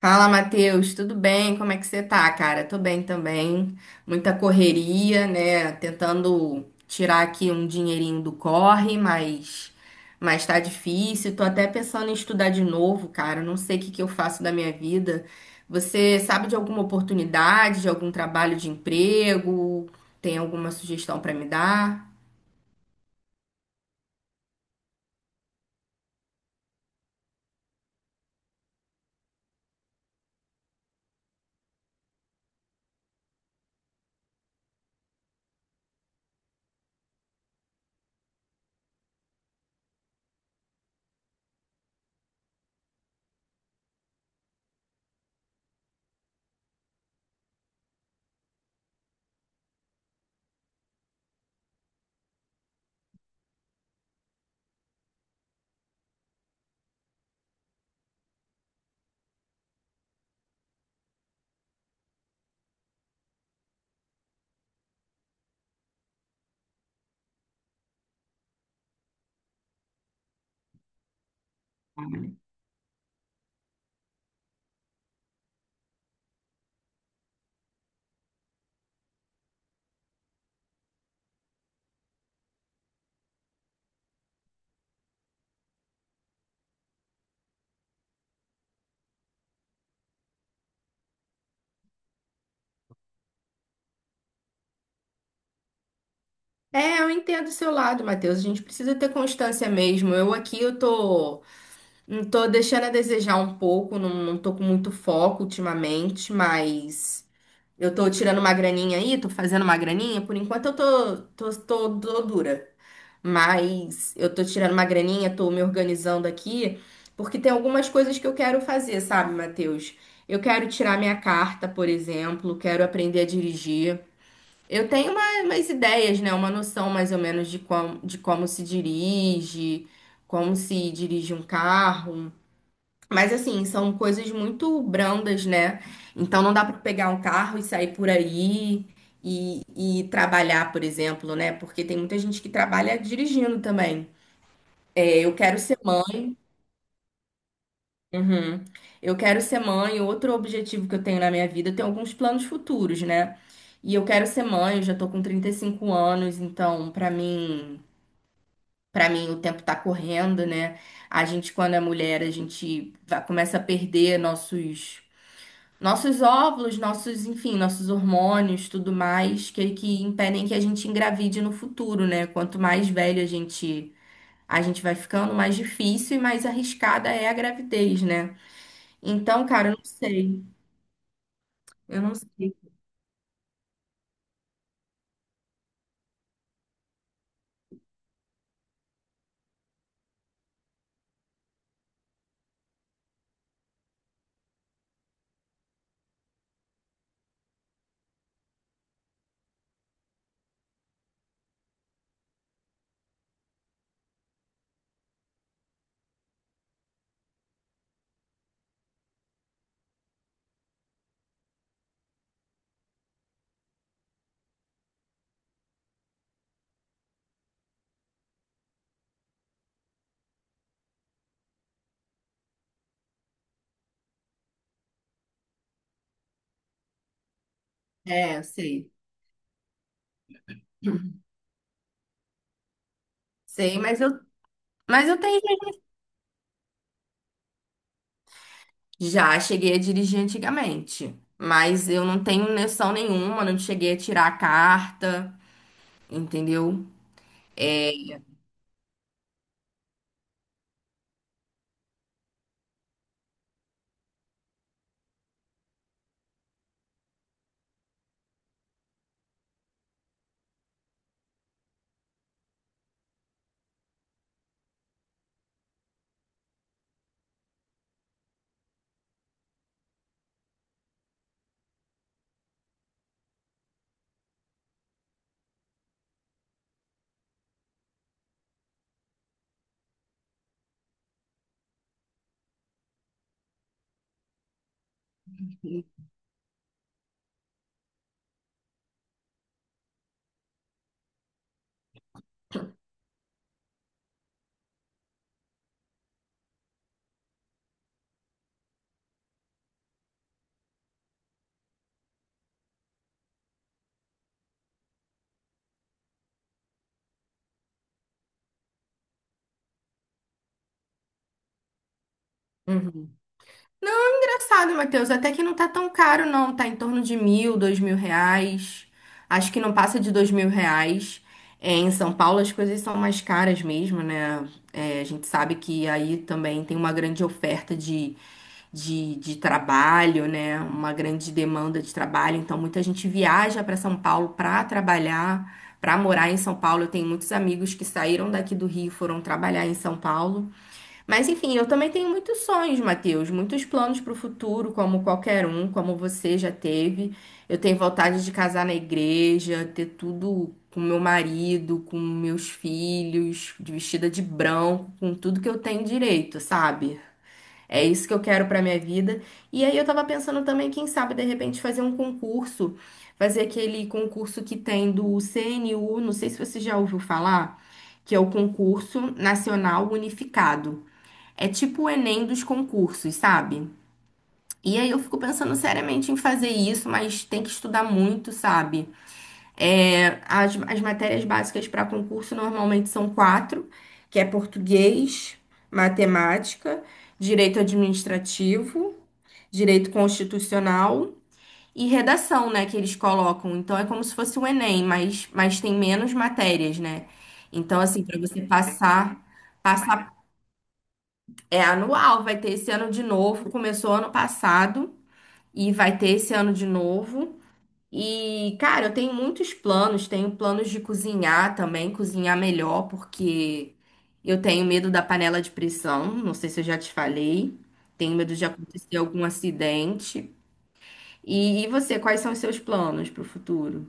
Fala, Matheus, tudo bem? Como é que você tá, cara? Tô bem também. Muita correria, né? Tentando tirar aqui um dinheirinho do corre, mas tá difícil. Tô até pensando em estudar de novo, cara. Não sei o que que eu faço da minha vida. Você sabe de alguma oportunidade, de algum trabalho de emprego? Tem alguma sugestão pra me dar? É, eu entendo o seu lado, Matheus. A gente precisa ter constância mesmo. Eu aqui, eu tô Não tô deixando a desejar um pouco, não, não tô com muito foco ultimamente, mas eu tô tirando uma graninha aí, tô fazendo uma graninha. Por enquanto eu tô dura, mas eu tô tirando uma graninha, tô me organizando aqui, porque tem algumas coisas que eu quero fazer, sabe, Matheus? Eu quero tirar minha carta, por exemplo, quero aprender a dirigir. Eu tenho umas ideias, né? Uma noção mais ou menos de como se dirige um carro. Mas assim, são coisas muito brandas, né? Então não dá para pegar um carro e sair por aí e, e trabalhar, por exemplo, né? Porque tem muita gente que trabalha dirigindo também. É, eu quero ser mãe. Uhum. Eu quero ser mãe. Outro objetivo que eu tenho na minha vida, eu tenho alguns planos futuros, né? E eu quero ser mãe, eu já tô com 35 anos, então para mim o tempo tá correndo, né? A gente quando é mulher, começa a perder nossos óvulos, nossos, enfim, nossos hormônios, tudo mais, que impedem que a gente engravide no futuro, né? Quanto mais velho a gente vai ficando, mais difícil e mais arriscada é a gravidez, né? Então, cara, eu não sei. Eu não sei. É, eu sei. Sei, mas eu tenho. Já cheguei a dirigir antigamente, mas eu não tenho noção nenhuma, não cheguei a tirar a carta, entendeu? É. Não, é engraçado, Matheus. Até que não tá tão caro, não. Tá em torno de mil, dois mil reais. Acho que não passa de dois mil reais. É, em São Paulo as coisas são mais caras mesmo, né? É, a gente sabe que aí também tem uma grande oferta de, de trabalho, né? Uma grande demanda de trabalho. Então muita gente viaja para São Paulo para trabalhar, para morar em São Paulo. Eu tenho muitos amigos que saíram daqui do Rio e foram trabalhar em São Paulo. Mas enfim, eu também tenho muitos sonhos, Matheus, muitos planos para o futuro, como qualquer um, como você já teve. Eu tenho vontade de casar na igreja, ter tudo com meu marido, com meus filhos, de vestida de branco, com tudo que eu tenho direito, sabe? É isso que eu quero para minha vida. E aí eu tava pensando também, quem sabe, de repente, fazer um concurso, fazer aquele concurso que tem do CNU, não sei se você já ouviu falar, que é o Concurso Nacional Unificado. É tipo o Enem dos concursos, sabe? E aí eu fico pensando seriamente em fazer isso, mas tem que estudar muito, sabe? É, as matérias básicas para concurso normalmente são quatro, que é português, matemática, direito administrativo, direito constitucional e redação, né, que eles colocam. Então é como se fosse o Enem, mas tem menos matérias, né? Então, assim, para você passar, passar é anual, vai ter esse ano de novo. Começou ano passado e vai ter esse ano de novo. E, cara, eu tenho muitos planos. Tenho planos de cozinhar também, cozinhar melhor, porque eu tenho medo da panela de pressão. Não sei se eu já te falei. Tenho medo de acontecer algum acidente. E você, quais são os seus planos para o futuro?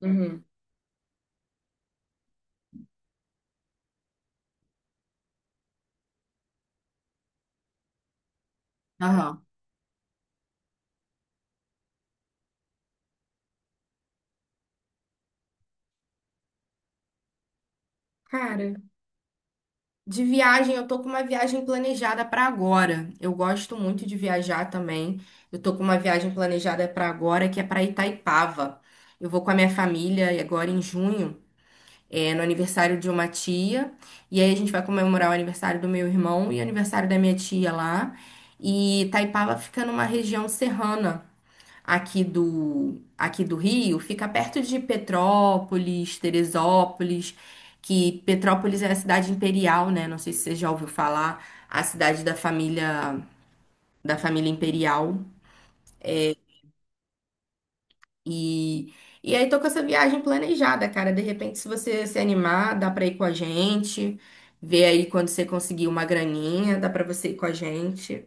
Uhum. Aham. Cara, de viagem, eu tô com uma viagem planejada para agora. Eu gosto muito de viajar também. Eu tô com uma viagem planejada para agora, que é para Itaipava. Eu vou com a minha família e agora em junho, é, no aniversário de uma tia. E aí a gente vai comemorar o aniversário do meu irmão e o aniversário da minha tia lá. E Itaipava fica numa região serrana aqui do Rio, fica perto de Petrópolis, Teresópolis, que Petrópolis é a cidade imperial, né? Não sei se você já ouviu falar, a cidade da família imperial. E, e aí tô com essa viagem planejada, cara. De repente, se você se animar, dá pra ir com a gente. Ver aí quando você conseguir uma graninha, dá pra você ir com a gente.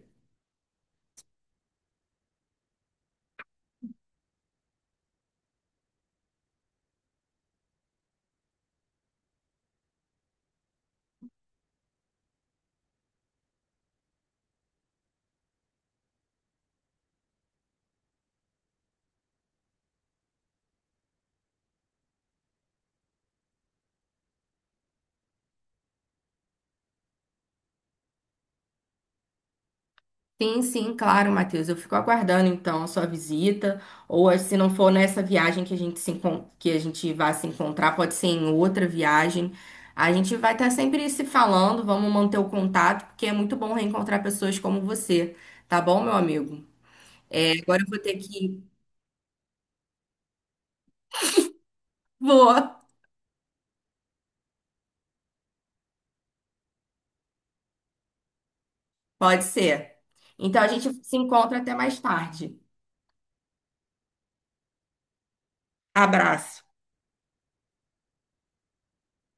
Sim, sim, claro, Matheus. Eu fico aguardando então a sua visita. Ou se não for nessa viagem que a gente se encon- que a gente vai se encontrar, pode ser em outra viagem. A gente vai estar sempre se falando, vamos manter o contato, porque é muito bom reencontrar pessoas como você, tá bom, meu amigo? É, agora eu vou ter que ir. Vou, pode ser. Então a gente se encontra até mais tarde. Abraço.